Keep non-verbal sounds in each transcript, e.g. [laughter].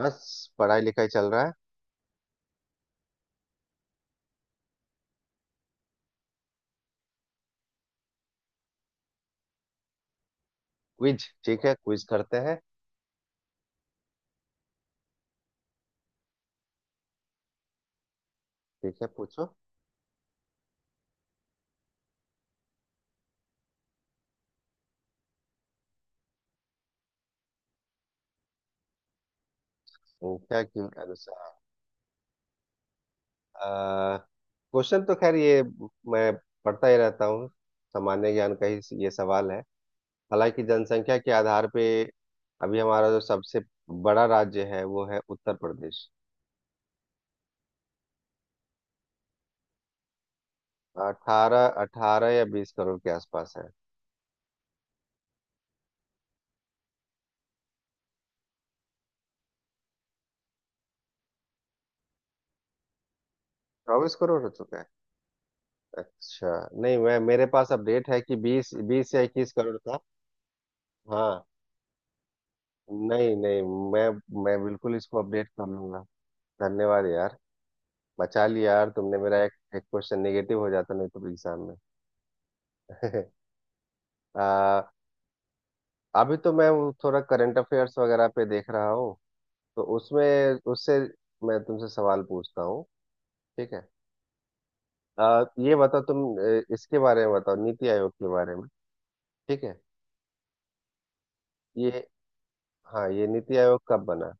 बस पढ़ाई लिखाई चल रहा है। क्विज ठीक है। क्विज करते हैं। ठीक है, पूछो। वो क्या क्यों अनुसार। क्वेश्चन तो खैर, ये मैं पढ़ता ही रहता हूँ, सामान्य ज्ञान का ही ये सवाल है। हालांकि जनसंख्या के आधार पे अभी हमारा जो सबसे बड़ा राज्य है, वो है उत्तर प्रदेश। अठारह अठारह या बीस करोड़ के आसपास है। 24 करोड़ हो चुका है? अच्छा। नहीं, मैं मेरे पास अपडेट है कि बीस बीस या इक्कीस करोड़ था। हाँ। नहीं नहीं। मैं मैं बिल्कुल इसको अपडेट कर लूंगा। धन्यवाद यार। बचा लिया यार तुमने। मेरा एक एक क्वेश्चन नेगेटिव हो जाता नहीं तो एग्जाम में। [laughs] आ, अभी तो मैं वो थोड़ा करंट अफेयर्स वगैरह पे देख रहा हूँ। तो उसमें उससे मैं तुमसे सवाल पूछता हूँ। ठीक है। ये बताओ तुम, इसके बारे में बताओ, नीति आयोग के बारे में। ठीक है, ये। हाँ, ये नीति आयोग कब बना?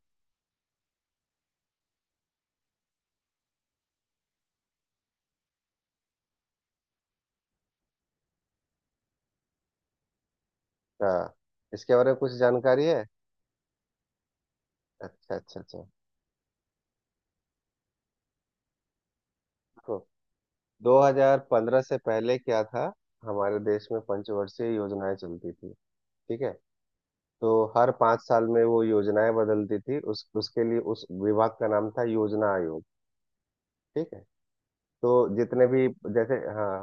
हाँ इसके बारे में कुछ जानकारी है? अच्छा अच्छा अच्छा। 2015 से पहले क्या था? हमारे देश में पंचवर्षीय योजनाएं चलती थी। ठीक है। तो हर 5 साल में वो योजनाएं बदलती थी। उस उसके लिए उस विभाग का नाम था योजना आयोग। ठीक है। तो जितने भी, जैसे, हाँ,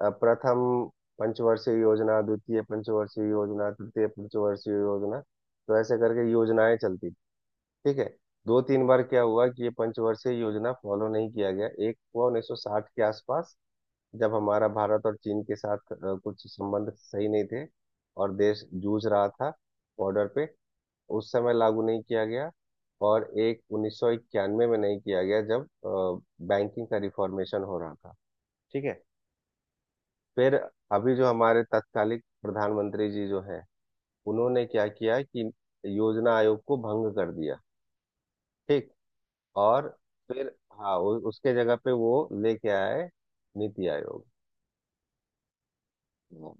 प्रथम पंचवर्षीय योजना, द्वितीय पंचवर्षीय योजना, तृतीय पंचवर्षीय योजना, तो ऐसे करके योजनाएं चलती थी। ठीक है। दो तीन बार क्या हुआ कि ये पंचवर्षीय योजना फॉलो नहीं किया गया। एक हुआ 1960 के आसपास, जब हमारा भारत और चीन के साथ कुछ संबंध सही नहीं थे और देश जूझ रहा था बॉर्डर पे। उस समय लागू नहीं किया गया। और एक 1991 में नहीं किया गया, जब बैंकिंग का रिफॉर्मेशन हो रहा था। ठीक है। फिर अभी जो हमारे तत्कालिक प्रधानमंत्री जी जो है, उन्होंने क्या किया कि योजना आयोग को भंग कर दिया। ठीक। और फिर हाँ, उसके जगह पे वो लेके आए नीति आयोग। हम्म।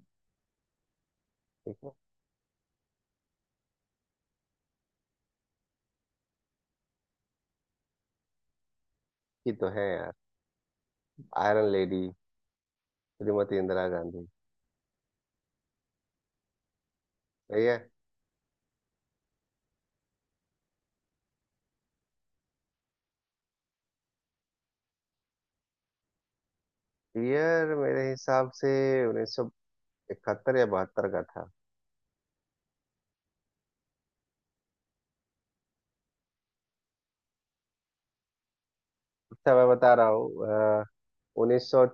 ठीक है। ये तो है यार। Iron lady Shrimati Indira Gandhi. ये ईयर मेरे हिसाब से 1971 या 72 का था। अच्छा, मैं बता रहा हूँ, उन्नीस सौ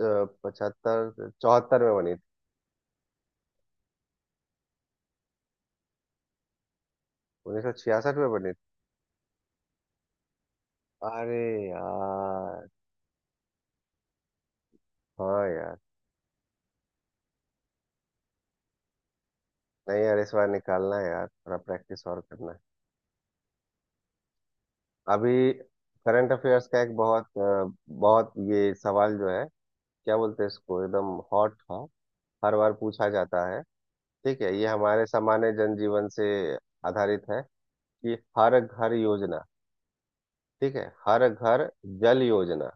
पचहत्तर 74 में बनी थी। 1966 में बनी थी। अरे यार। हाँ यार। नहीं यार, इस बार निकालना है यार, थोड़ा प्रैक्टिस और करना है। अभी करंट अफेयर्स का एक बहुत ये सवाल जो है, क्या बोलते हैं इसको, एकदम हॉट था, हर बार पूछा जाता है। ठीक है। ये हमारे सामान्य जनजीवन से आधारित है कि हर घर योजना, ठीक है, हर घर जल योजना।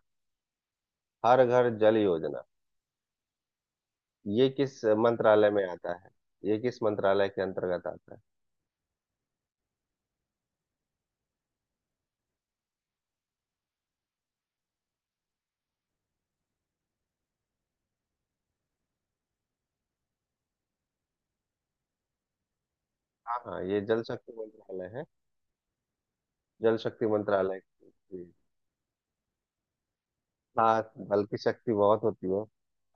हर घर जल योजना ये किस मंत्रालय में आता है? ये किस मंत्रालय के अंतर्गत आता है? हाँ हाँ, ये जल शक्ति मंत्रालय है। जल शक्ति मंत्रालय के- हाँ, जल की शक्ति बहुत होती है।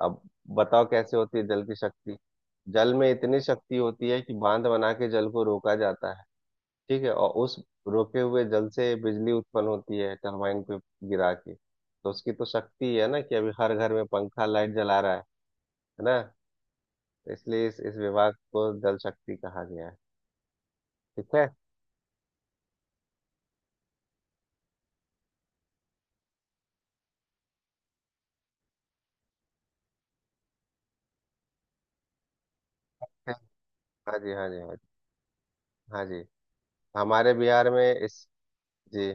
अब बताओ, कैसे होती है जल की शक्ति। जल में इतनी शक्ति होती है कि बांध बना के जल को रोका जाता है। ठीक है। और उस रोके हुए जल से बिजली उत्पन्न होती है, टरबाइन पे गिरा के। तो उसकी तो शक्ति है ना, कि अभी हर घर में पंखा लाइट जला रहा है। है ना? तो इसलिए इस विभाग को जल शक्ति कहा गया है। ठीक है। हाँ जी, हाँ जी, हाँ जी। हाँ जी। हमारे बिहार में इस, जी।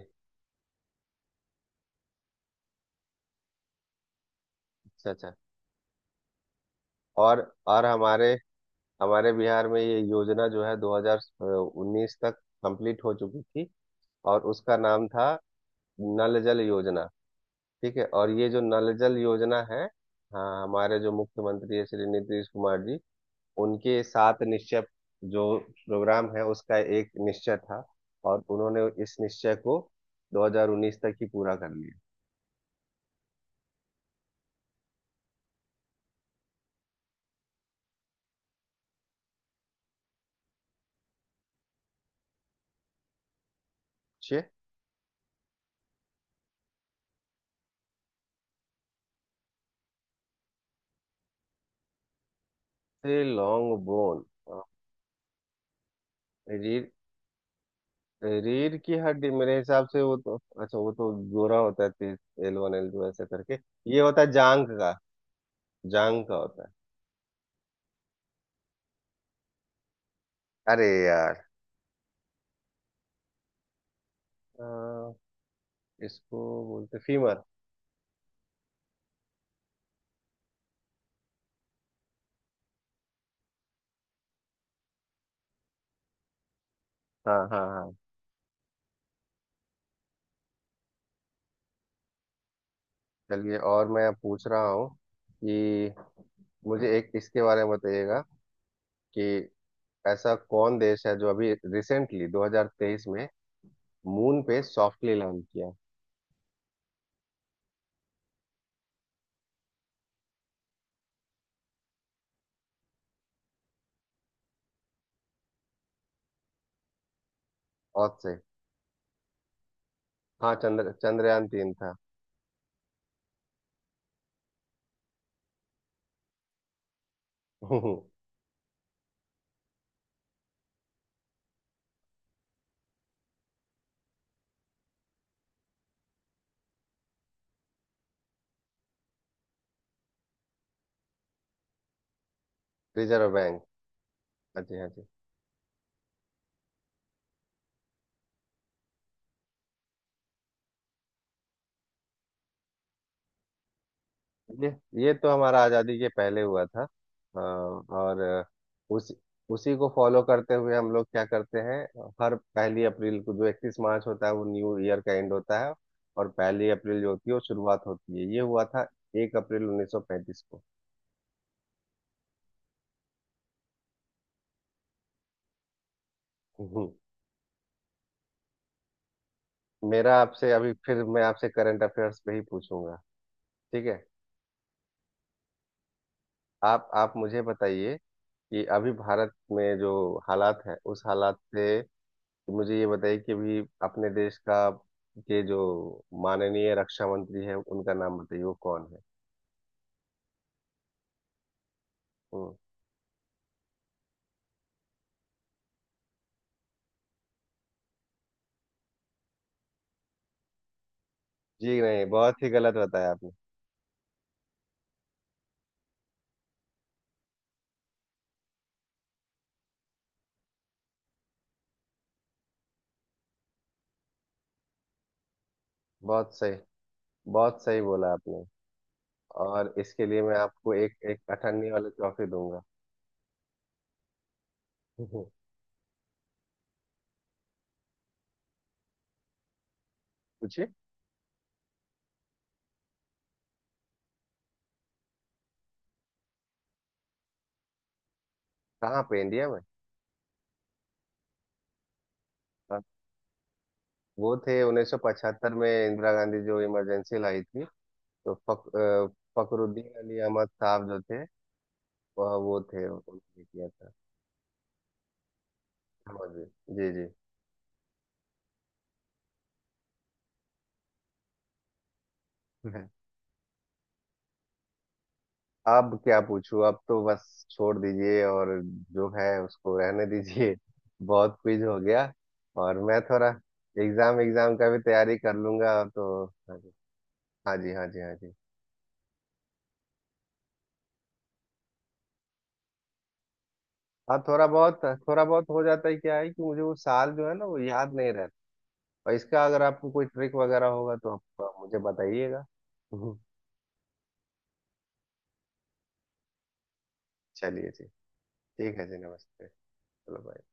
अच्छा अच्छा। और हमारे हमारे बिहार में ये योजना जो है 2019 तक कंप्लीट हो चुकी थी। और उसका नाम था नल जल योजना। ठीक है। और ये जो नल जल योजना है, हाँ, हमारे जो मुख्यमंत्री है श्री नीतीश कुमार जी, उनके सात निश्चय जो प्रोग्राम है उसका एक निश्चय था। और उन्होंने इस निश्चय को 2019 तक ही पूरा कर लिया। छे। से लॉन्ग बोन। रीढ़। रीढ़ की हड्डी मेरे हिसाब से। वो तो, अच्छा, वो तो गोरा होता है, तीस, एल वन एल टू ऐसे करके। ये होता है जांघ का। जांघ का होता है। अरे यार। अ, इसको बोलते फीमर। हाँ हाँ हाँ। चलिए, और मैं पूछ रहा हूँ कि मुझे एक इसके बारे में बताइएगा कि ऐसा कौन देश है जो अभी रिसेंटली 2023 में मून पे सॉफ्टली लैंड किया? अर्थ से। हाँ, चंद्रयान 3 था। [laughs] Reserve bank. हाँ जी, हाँ जी। ये ये तो हमारा आज़ादी के पहले हुआ था, और उसी उसी को फॉलो करते हुए हम लोग क्या करते हैं, हर पहली अप्रैल को जो 31 मार्च होता है वो न्यू ईयर का एंड होता है, और पहली अप्रैल जो होती है वो शुरुआत होती है। ये हुआ था एक अप्रैल 1935 को। हम्म। मेरा आपसे अभी फिर मैं आपसे करंट अफेयर्स पे ही पूछूंगा। ठीक है। आप मुझे बताइए कि अभी भारत में जो हालात है उस हालात से, तो मुझे ये बताइए कि अभी अपने देश का के जो माननीय रक्षा मंत्री है उनका नाम बताइए, वो कौन है? हम्म। जी नहीं, बहुत ही गलत बताया आपने। बहुत सही। बहुत सही बोला आपने। और इसके लिए मैं आपको एक एक अठन्नी वाली ट्रॉफी दूंगा। [laughs] पूछिए। कहाँ पे, इंडिया में? हाँ। वो थे 1975 में, इंदिरा गांधी जो इमरजेंसी लाई थी तो फखरुद्दीन अली अहमद साहब जो थे, वह वो थे, उन्होंने किया था। समझ गए। जी जी। [laughs] अब क्या पूछूं। अब तो बस छोड़ दीजिए और जो है उसको रहने दीजिए। [laughs] बहुत क्विज हो गया। और मैं थोड़ा एग्जाम एग्जाम का भी तैयारी कर लूंगा तो। हाँ जी, हाँ जी, हाँ जी। हाँ थोड़ा बहुत, थोड़ा बहुत हो जाता है। क्या है कि मुझे वो साल जो है ना वो याद नहीं रहता। और इसका अगर आपको कोई ट्रिक वगैरह होगा तो आप मुझे बताइएगा। [laughs] हम्म। चलिए जी। ठीक है जी। नमस्ते। चलो बाय।